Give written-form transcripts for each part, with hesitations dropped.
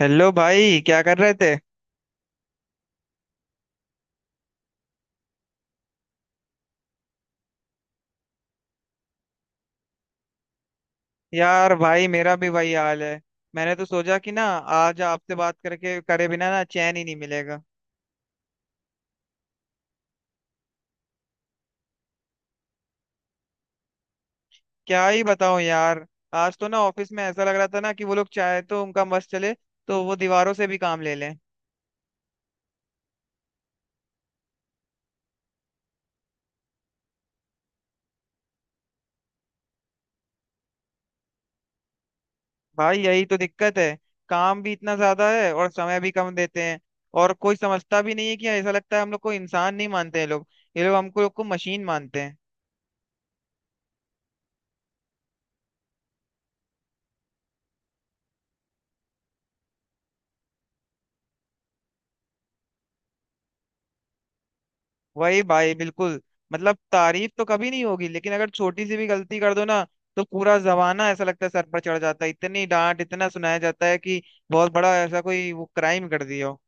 Hello भाई क्या कर रहे थे। यार भाई मेरा भी वही हाल है। मैंने तो सोचा कि ना आज आपसे बात करके करे बिना ना चैन ही नहीं मिलेगा। क्या ही बताऊं यार। आज तो ना ऑफिस में ऐसा लग रहा था ना कि वो लोग चाहे तो उनका बस चले तो वो दीवारों से भी काम ले लें। भाई यही तो दिक्कत है। काम भी इतना ज्यादा है और समय भी कम देते हैं। और कोई समझता भी नहीं है कि ऐसा लगता है हम लोग को इंसान नहीं मानते हैं लोग। ये लोग हमको लोग को मशीन मानते हैं। वही भाई बिल्कुल। मतलब तारीफ तो कभी नहीं होगी लेकिन अगर छोटी सी भी गलती कर दो ना तो पूरा जमाना ऐसा लगता है सर पर चढ़ जाता है। इतनी डांट इतना सुनाया जाता है कि बहुत बड़ा ऐसा कोई वो क्राइम कर दिया हो।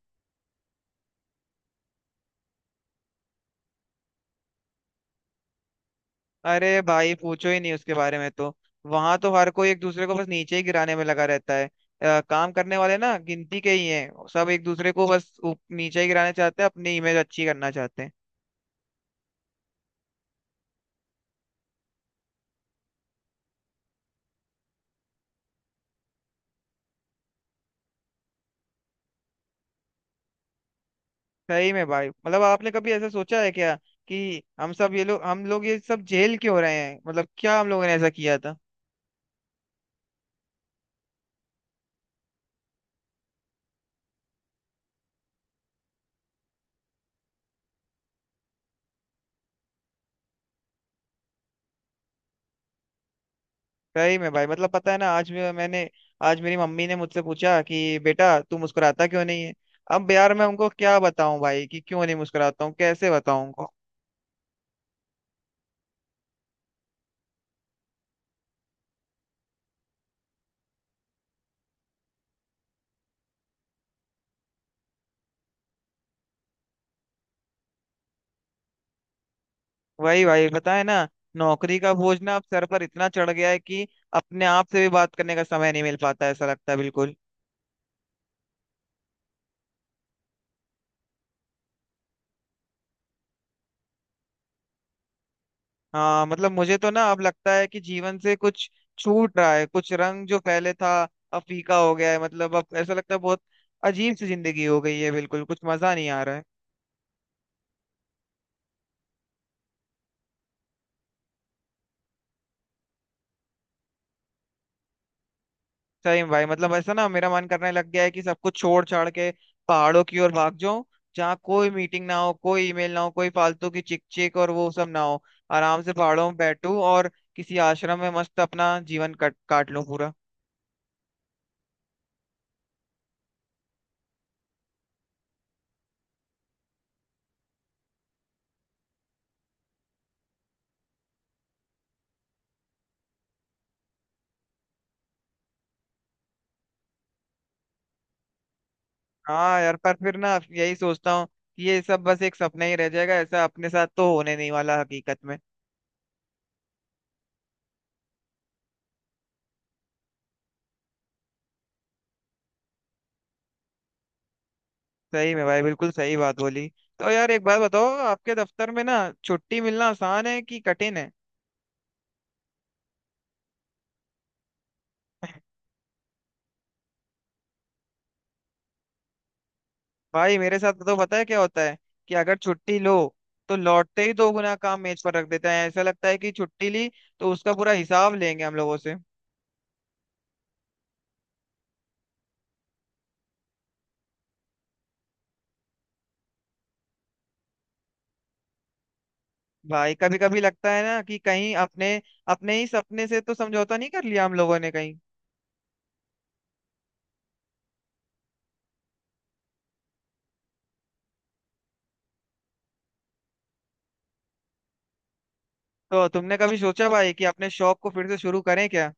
अरे भाई पूछो ही नहीं उसके बारे में तो। वहां तो हर कोई एक दूसरे को बस नीचे ही गिराने में लगा रहता है। काम करने वाले ना गिनती के ही हैं। सब एक दूसरे को बस नीचे ही गिराना चाहते हैं अपनी इमेज अच्छी करना चाहते हैं। सही में भाई मतलब आपने कभी ऐसा सोचा है क्या कि हम सब ये लोग हम लोग ये सब जेल क्यों हो रहे हैं। मतलब क्या हम लोगों ने ऐसा किया था। सही में भाई मतलब पता है ना आज मैंने आज मेरी मम्मी ने मुझसे पूछा कि बेटा तू मुस्कुराता क्यों नहीं है। अब यार मैं उनको क्या बताऊं भाई कि क्यों नहीं मुस्कुराता हूँ कैसे बताऊं उनको। वही भाई बताए ना। नौकरी का बोझ ना अब सर पर इतना चढ़ गया है कि अपने आप से भी बात करने का समय नहीं मिल पाता है, ऐसा लगता है बिल्कुल। हाँ मतलब मुझे तो ना अब लगता है कि जीवन से कुछ छूट रहा है कुछ रंग जो पहले था अब फीका हो गया है। मतलब अब ऐसा लगता है बहुत अजीब सी जिंदगी हो गई है बिल्कुल कुछ मजा नहीं आ रहा है। सही में भाई मतलब ऐसा ना मेरा मन करने लग गया है कि सब कुछ छोड़ छाड़ के पहाड़ों की ओर भाग जाऊं। जहाँ कोई मीटिंग ना हो कोई ईमेल ना हो कोई फालतू की चिक चिक और वो सब ना हो। आराम से पहाड़ों में बैठूं और किसी आश्रम में मस्त अपना जीवन कट काट लूं पूरा। हाँ यार पर फिर ना यही सोचता हूँ कि ये सब बस एक सपना ही रह जाएगा ऐसा अपने साथ तो होने नहीं वाला हकीकत में। सही में भाई बिल्कुल सही बात बोली। तो यार एक बात बताओ आपके दफ्तर में ना छुट्टी मिलना आसान है कि कठिन है। भाई मेरे साथ तो पता है क्या होता है कि अगर छुट्टी लो तो लौटते ही दो गुना काम मेज पर रख देते हैं। ऐसा लगता है कि छुट्टी ली तो उसका पूरा हिसाब लेंगे हम लोगों से। भाई कभी कभी लगता है ना कि कहीं अपने अपने ही सपने से तो समझौता नहीं कर लिया हम लोगों ने कहीं। तो तुमने कभी सोचा भाई कि अपने शौक को फिर से शुरू करें क्या।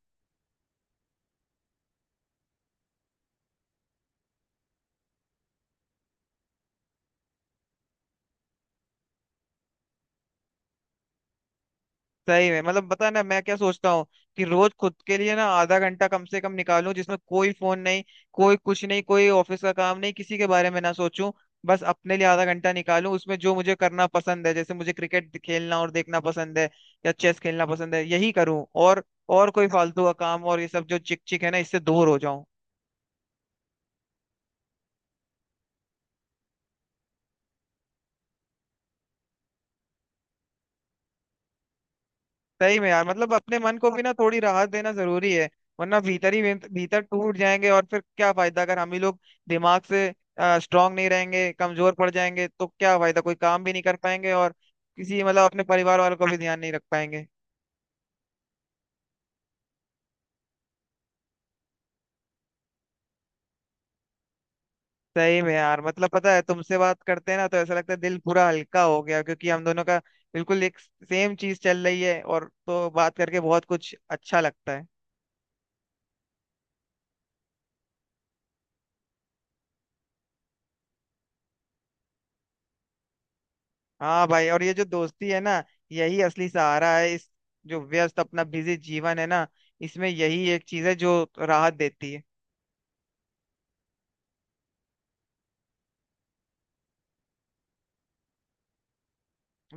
सही में मतलब बता ना मैं क्या सोचता हूँ कि रोज खुद के लिए ना आधा घंटा कम से कम निकालूं जिसमें कोई फोन नहीं कोई कुछ नहीं कोई ऑफिस का काम नहीं किसी के बारे में ना सोचूं। बस अपने लिए आधा घंटा निकालूं उसमें जो मुझे करना पसंद है जैसे मुझे क्रिकेट खेलना और देखना पसंद है या चेस खेलना पसंद है यही करूं। और कोई फालतू का काम और ये सब जो चिक चिक है ना इससे दूर हो जाऊं। सही में यार मतलब अपने मन को भी ना थोड़ी राहत देना जरूरी है। वरना भीतर ही भीतर भीतर टूट जाएंगे और फिर क्या फायदा अगर हम ही लोग दिमाग से स्ट्रांग नहीं रहेंगे कमजोर पड़ जाएंगे तो क्या फायदा कोई काम भी नहीं कर पाएंगे और किसी मतलब अपने परिवार वालों को भी ध्यान नहीं रख पाएंगे। सही में यार मतलब पता है तुमसे बात करते हैं ना तो ऐसा लगता है दिल पूरा हल्का हो गया क्योंकि हम दोनों का बिल्कुल एक सेम चीज चल रही है और तो बात करके बहुत कुछ अच्छा लगता है। हाँ भाई और ये जो दोस्ती है ना यही असली सहारा है इस जो व्यस्त अपना बिजी जीवन है ना इसमें यही एक चीज है जो राहत देती है।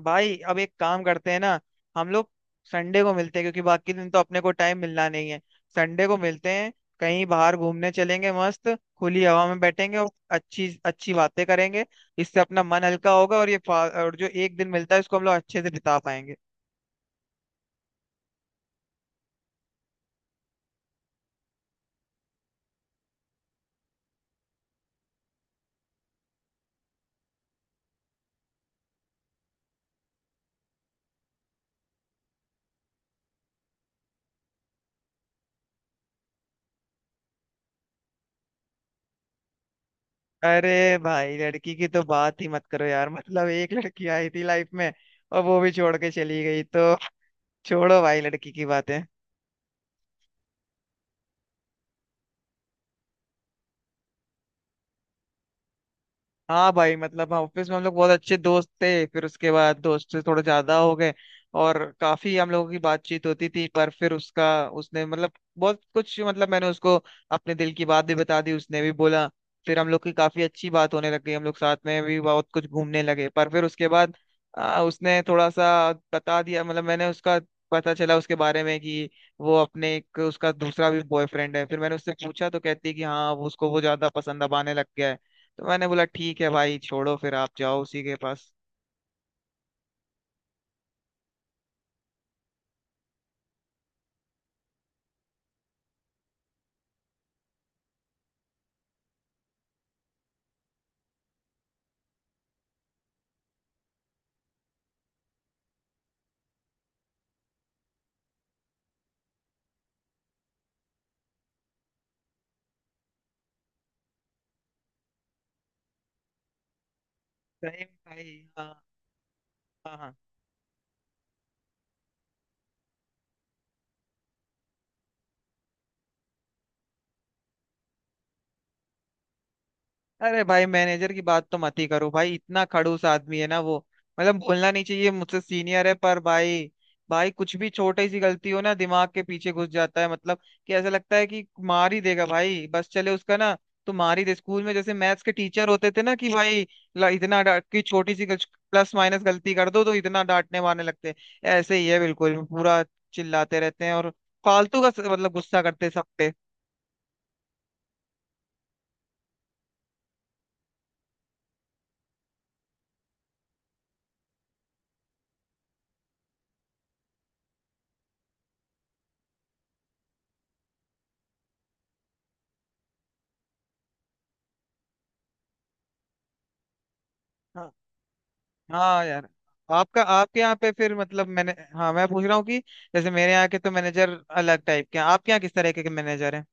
भाई अब एक काम करते हैं ना हम लोग संडे को मिलते हैं क्योंकि बाकी दिन तो अपने को टाइम मिलना नहीं है। संडे को मिलते हैं कहीं बाहर घूमने चलेंगे मस्त खुली हवा में बैठेंगे और अच्छी अच्छी बातें करेंगे। इससे अपना मन हल्का होगा और और जो एक दिन मिलता है उसको हम लोग अच्छे से बिता पाएंगे। अरे भाई लड़की की तो बात ही मत करो यार मतलब एक लड़की आई थी लाइफ में और वो भी छोड़ के चली गई तो छोड़ो भाई लड़की की बातें। हाँ भाई मतलब ऑफिस में हम लोग बहुत अच्छे दोस्त थे फिर उसके बाद दोस्त से थोड़े ज्यादा हो गए और काफी हम लोगों की बातचीत होती थी पर फिर उसका उसने मतलब बहुत कुछ मतलब मैंने उसको अपने दिल की बात भी बता दी उसने भी बोला। फिर हम लोग की काफी अच्छी बात होने लग गई हम लोग साथ में भी बहुत कुछ घूमने लगे पर फिर उसके बाद उसने थोड़ा सा बता दिया मतलब मैंने उसका पता चला उसके बारे में कि वो अपने एक उसका दूसरा भी बॉयफ्रेंड है। फिर मैंने उससे पूछा तो कहती है कि हाँ वो उसको वो ज्यादा पसंद अब आने लग गया है। तो मैंने बोला ठीक है भाई छोड़ो फिर आप जाओ उसी के पास। सही में भाई हाँ। हाँ, हाँ। अरे भाई मैनेजर की बात तो मत ही करो भाई इतना खड़ूस आदमी है ना वो। मतलब बोलना नहीं चाहिए मुझसे सीनियर है पर भाई भाई कुछ भी छोटी सी गलती हो ना दिमाग के पीछे घुस जाता है। मतलब कि ऐसा लगता है कि मार ही देगा भाई बस चले उसका ना तो मार ही दे। स्कूल में जैसे मैथ्स के टीचर होते थे ना कि भाई इतना डांट की छोटी सी प्लस माइनस गलती कर दो तो इतना डांटने वाने लगते हैं। ऐसे ही है बिल्कुल पूरा चिल्लाते रहते हैं और फालतू का मतलब गुस्सा करते हैं सब पे। हाँ यार। आपका आपके यहाँ पे फिर मतलब मैंने हाँ मैं पूछ रहा हूँ कि जैसे मेरे यहाँ के तो मैनेजर अलग टाइप के हैं आपके यहाँ किस तरह के मैनेजर हैं।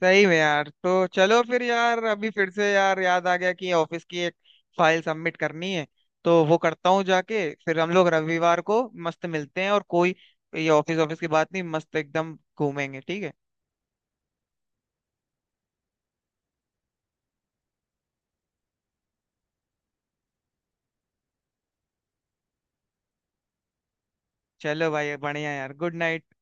सही में यार तो चलो फिर यार अभी फिर से यार याद आ गया कि ऑफिस की एक फाइल सबमिट करनी है। तो वो करता हूँ जाके फिर हम लोग रविवार को मस्त मिलते हैं। और कोई ये ऑफिस ऑफिस की बात नहीं मस्त एकदम घूमेंगे ठीक है। चलो भाई बढ़िया यार गुड नाइट।